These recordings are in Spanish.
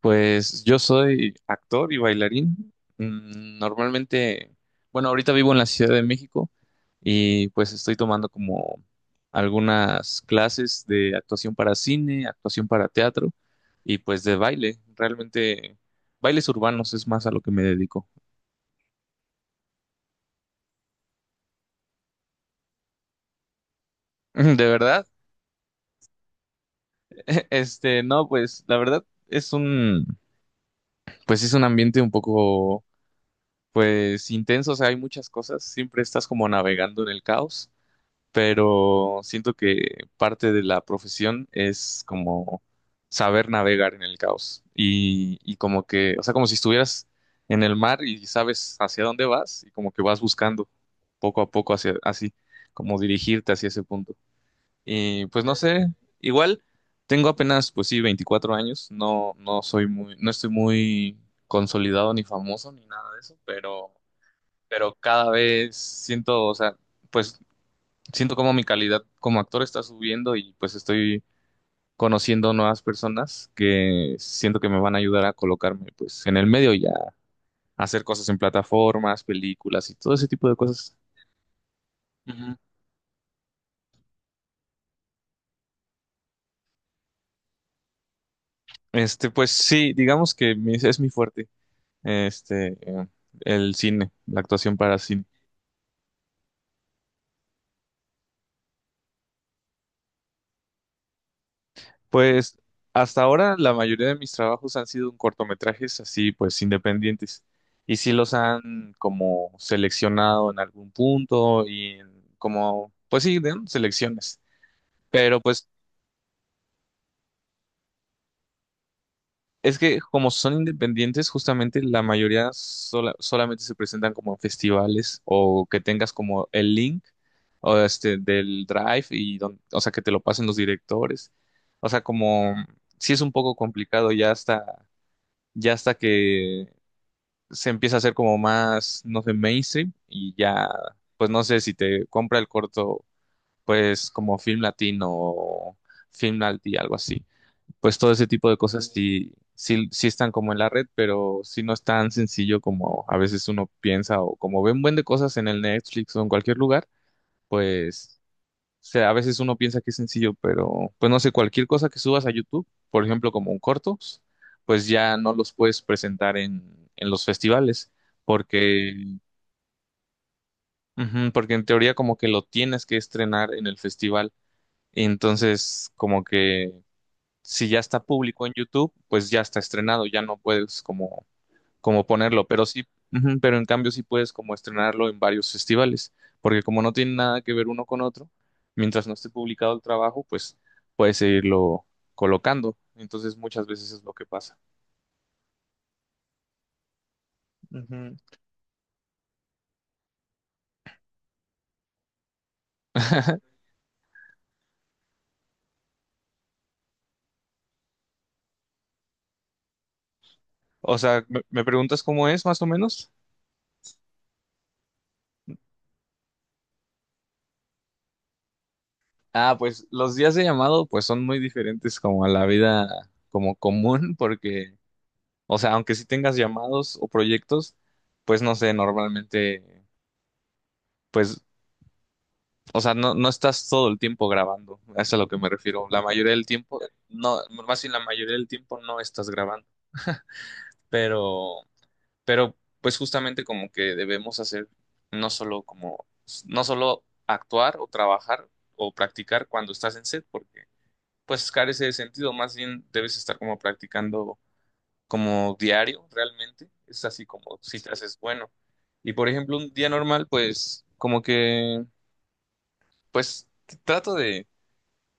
Pues yo soy actor y bailarín. Normalmente, bueno, ahorita vivo en la Ciudad de México y pues estoy tomando como algunas clases de actuación para cine, actuación para teatro y pues de baile. Realmente, bailes urbanos es más a lo que me dedico. ¿De verdad? No, pues la verdad pues es un ambiente un poco, pues intenso, o sea, hay muchas cosas, siempre estás como navegando en el caos. Pero siento que parte de la profesión es como saber navegar en el caos y como que, o sea, como si estuvieras en el mar y sabes hacia dónde vas y como que vas buscando poco a poco hacia así, como dirigirte hacia ese punto. Y pues no sé, igual tengo apenas, pues sí, 24 años, no, no soy muy, no estoy muy consolidado ni famoso ni nada de eso, pero cada vez siento, o sea, pues siento como mi calidad como actor está subiendo y pues estoy conociendo nuevas personas que siento que me van a ayudar a colocarme pues en el medio y a hacer cosas en plataformas, películas y todo ese tipo de cosas. Ujú. Pues sí, digamos que es mi fuerte, este, eh, el cine, la actuación para cine. Pues hasta ahora la mayoría de mis trabajos han sido en cortometrajes así, pues independientes. Y sí los han como seleccionado en algún punto y en como, pues sí, ¿no? selecciones. Pero pues es que como son independientes, justamente la mayoría solamente se presentan como en festivales o que tengas como el link o este del Drive o sea que te lo pasen los directores. O sea, como sí es un poco complicado ya hasta que se empieza a hacer como más, no sé, mainstream y ya, pues no sé si te compra el corto, pues como Film Latino o Film Alti, algo así. Pues todo ese tipo de cosas sí están como en la red, pero sí no es tan sencillo como a veces uno piensa o como ven buen de cosas en el Netflix o en cualquier lugar, pues sea, a veces uno piensa que es sencillo, pero pues no sé, cualquier cosa que subas a YouTube, por ejemplo, como un cortos, pues ya no los puedes presentar en los festivales, porque, ujú, porque en teoría como que lo tienes que estrenar en el festival. Entonces, como que si ya está público en YouTube, pues ya está estrenado, ya no puedes como ponerlo, pero sí, ujú, pero en cambio sí puedes como estrenarlo en varios festivales, porque como no tiene nada que ver uno con otro, mientras no esté publicado el trabajo, pues puedes seguirlo colocando. Entonces muchas veces es lo que pasa. Ujú. O sea, me preguntas cómo es más o menos. Ah, pues los días de llamado pues son muy diferentes como a la vida como común porque, o sea, aunque sí tengas llamados o proyectos, pues no sé, normalmente pues o sea, no, no estás todo el tiempo grabando, eso es a lo que me refiero. La mayoría del tiempo, no, más bien la mayoría del tiempo no estás grabando, pero, pero pues justamente como que debemos hacer no solo como, no solo actuar o trabajar o practicar cuando estás en set, porque pues carece de sentido, más bien debes estar como practicando como diario realmente, es así como si te haces bueno. Y por ejemplo, un día normal, pues como que, pues trato de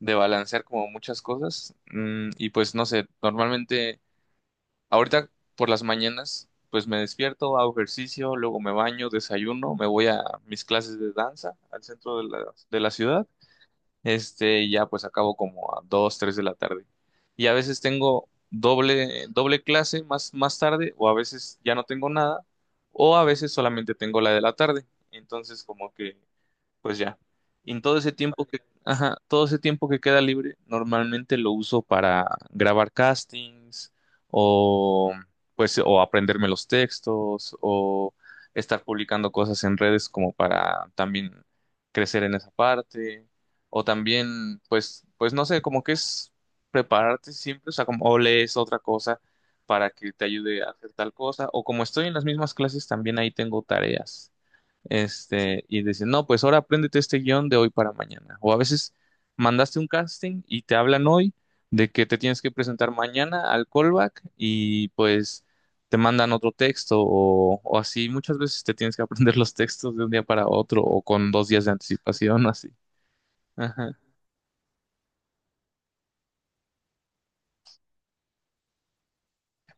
balancear como muchas cosas. Y pues no sé, normalmente ahorita por las mañanas pues me despierto, hago ejercicio, luego me baño, desayuno, me voy a mis clases de danza al centro de la ciudad. Y ya pues acabo como a 2 3 de la tarde. Y a veces tengo doble, doble clase más tarde o a veces ya no tengo nada o a veces solamente tengo la de la tarde. Entonces como que pues ya. Y en todo ese tiempo que, ajá, todo ese tiempo que queda libre, normalmente lo uso para grabar castings o pues o aprenderme los textos o estar publicando cosas en redes como para también crecer en esa parte o también pues no sé, como que es prepararte siempre, o sea, como o lees otra cosa para que te ayude a hacer tal cosa o como estoy en las mismas clases también ahí tengo tareas. Y dicen, no, pues ahora apréndete este guión de hoy para mañana. O a veces mandaste un casting y te hablan hoy de que te tienes que presentar mañana al callback y pues te mandan otro texto o así. Muchas veces te tienes que aprender los textos de un día para otro o con dos días de anticipación, así. Ajá.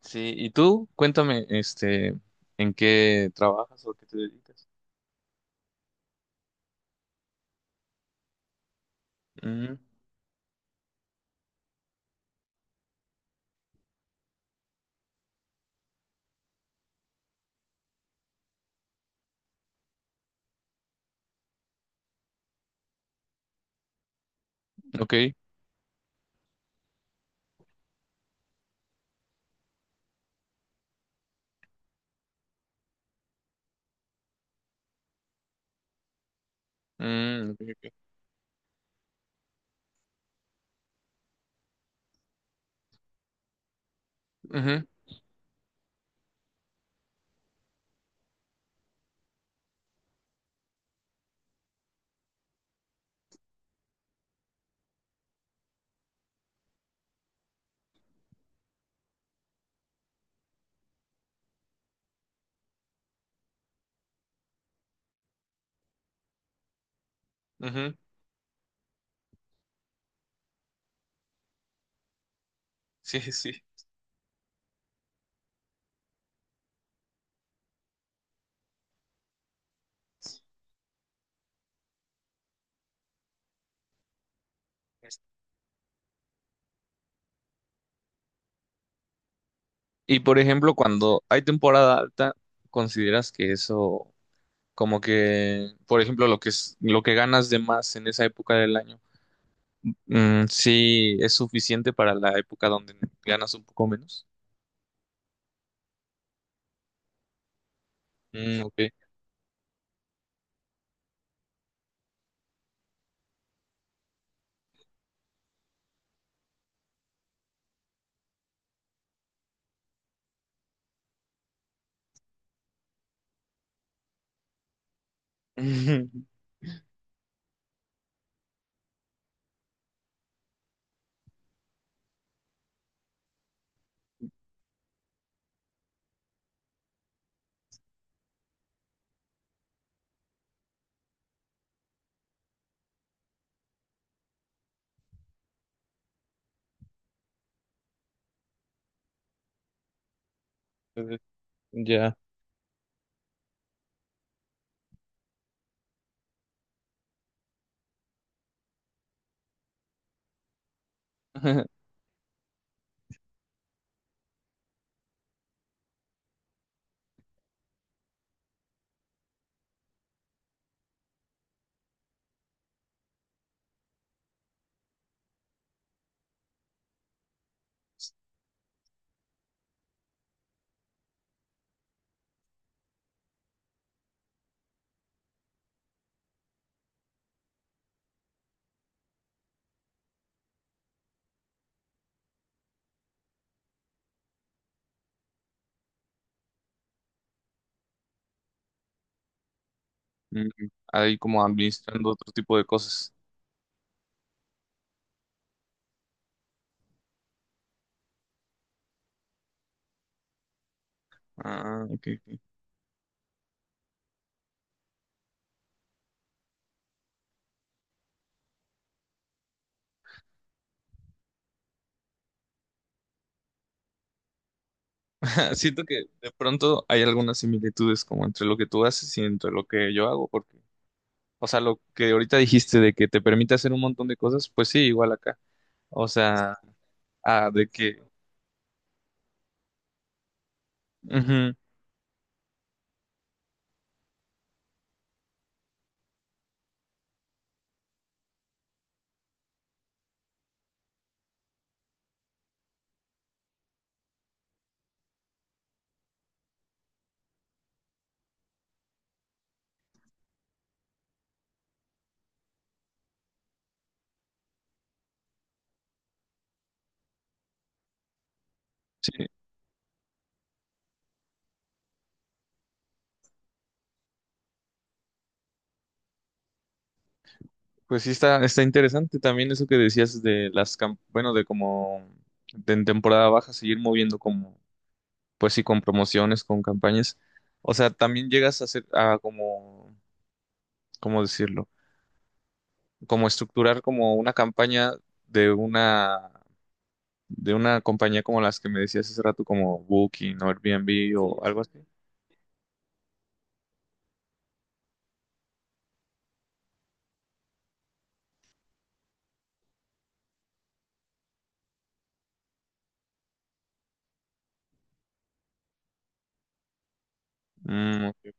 Sí, y tú, cuéntame, ¿en qué trabajas o a qué te dedicas? Mm, ok. Mm, ok, ok. Ujú, ujú. Sí, sí. Y por ejemplo, cuando hay temporada alta, ¿consideras que eso, como que, por ejemplo, lo que es, lo que ganas de más en esa época del año, mm, sí es suficiente para la época donde ganas un poco menos? Mm, ok. Entonces, ya. Mm, ahí como administrando otro tipo de cosas. Ah, ok. Ok. Siento que de pronto hay algunas similitudes como entre lo que tú haces y entre lo que yo hago, porque o sea, lo que ahorita dijiste de que te permite hacer un montón de cosas, pues sí, igual acá. O sea, ah, de que... ujú, sí, pues sí está, está interesante también eso que decías de las... Bueno, de como de en temporada baja seguir moviendo como... Pues sí, con promociones, con campañas. O sea, también llegas a hacer... A como... ¿Cómo decirlo? Como estructurar como una campaña de una... De una compañía como las que me decías hace rato, como Booking o Airbnb. Sí, o algo así. Mm, ok.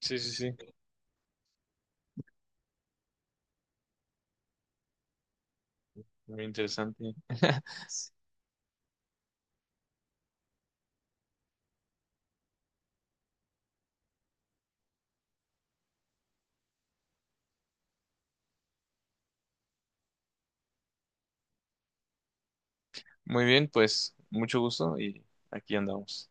Sí, sí, sí, Muy interesante. Muy bien, pues mucho gusto y aquí andamos.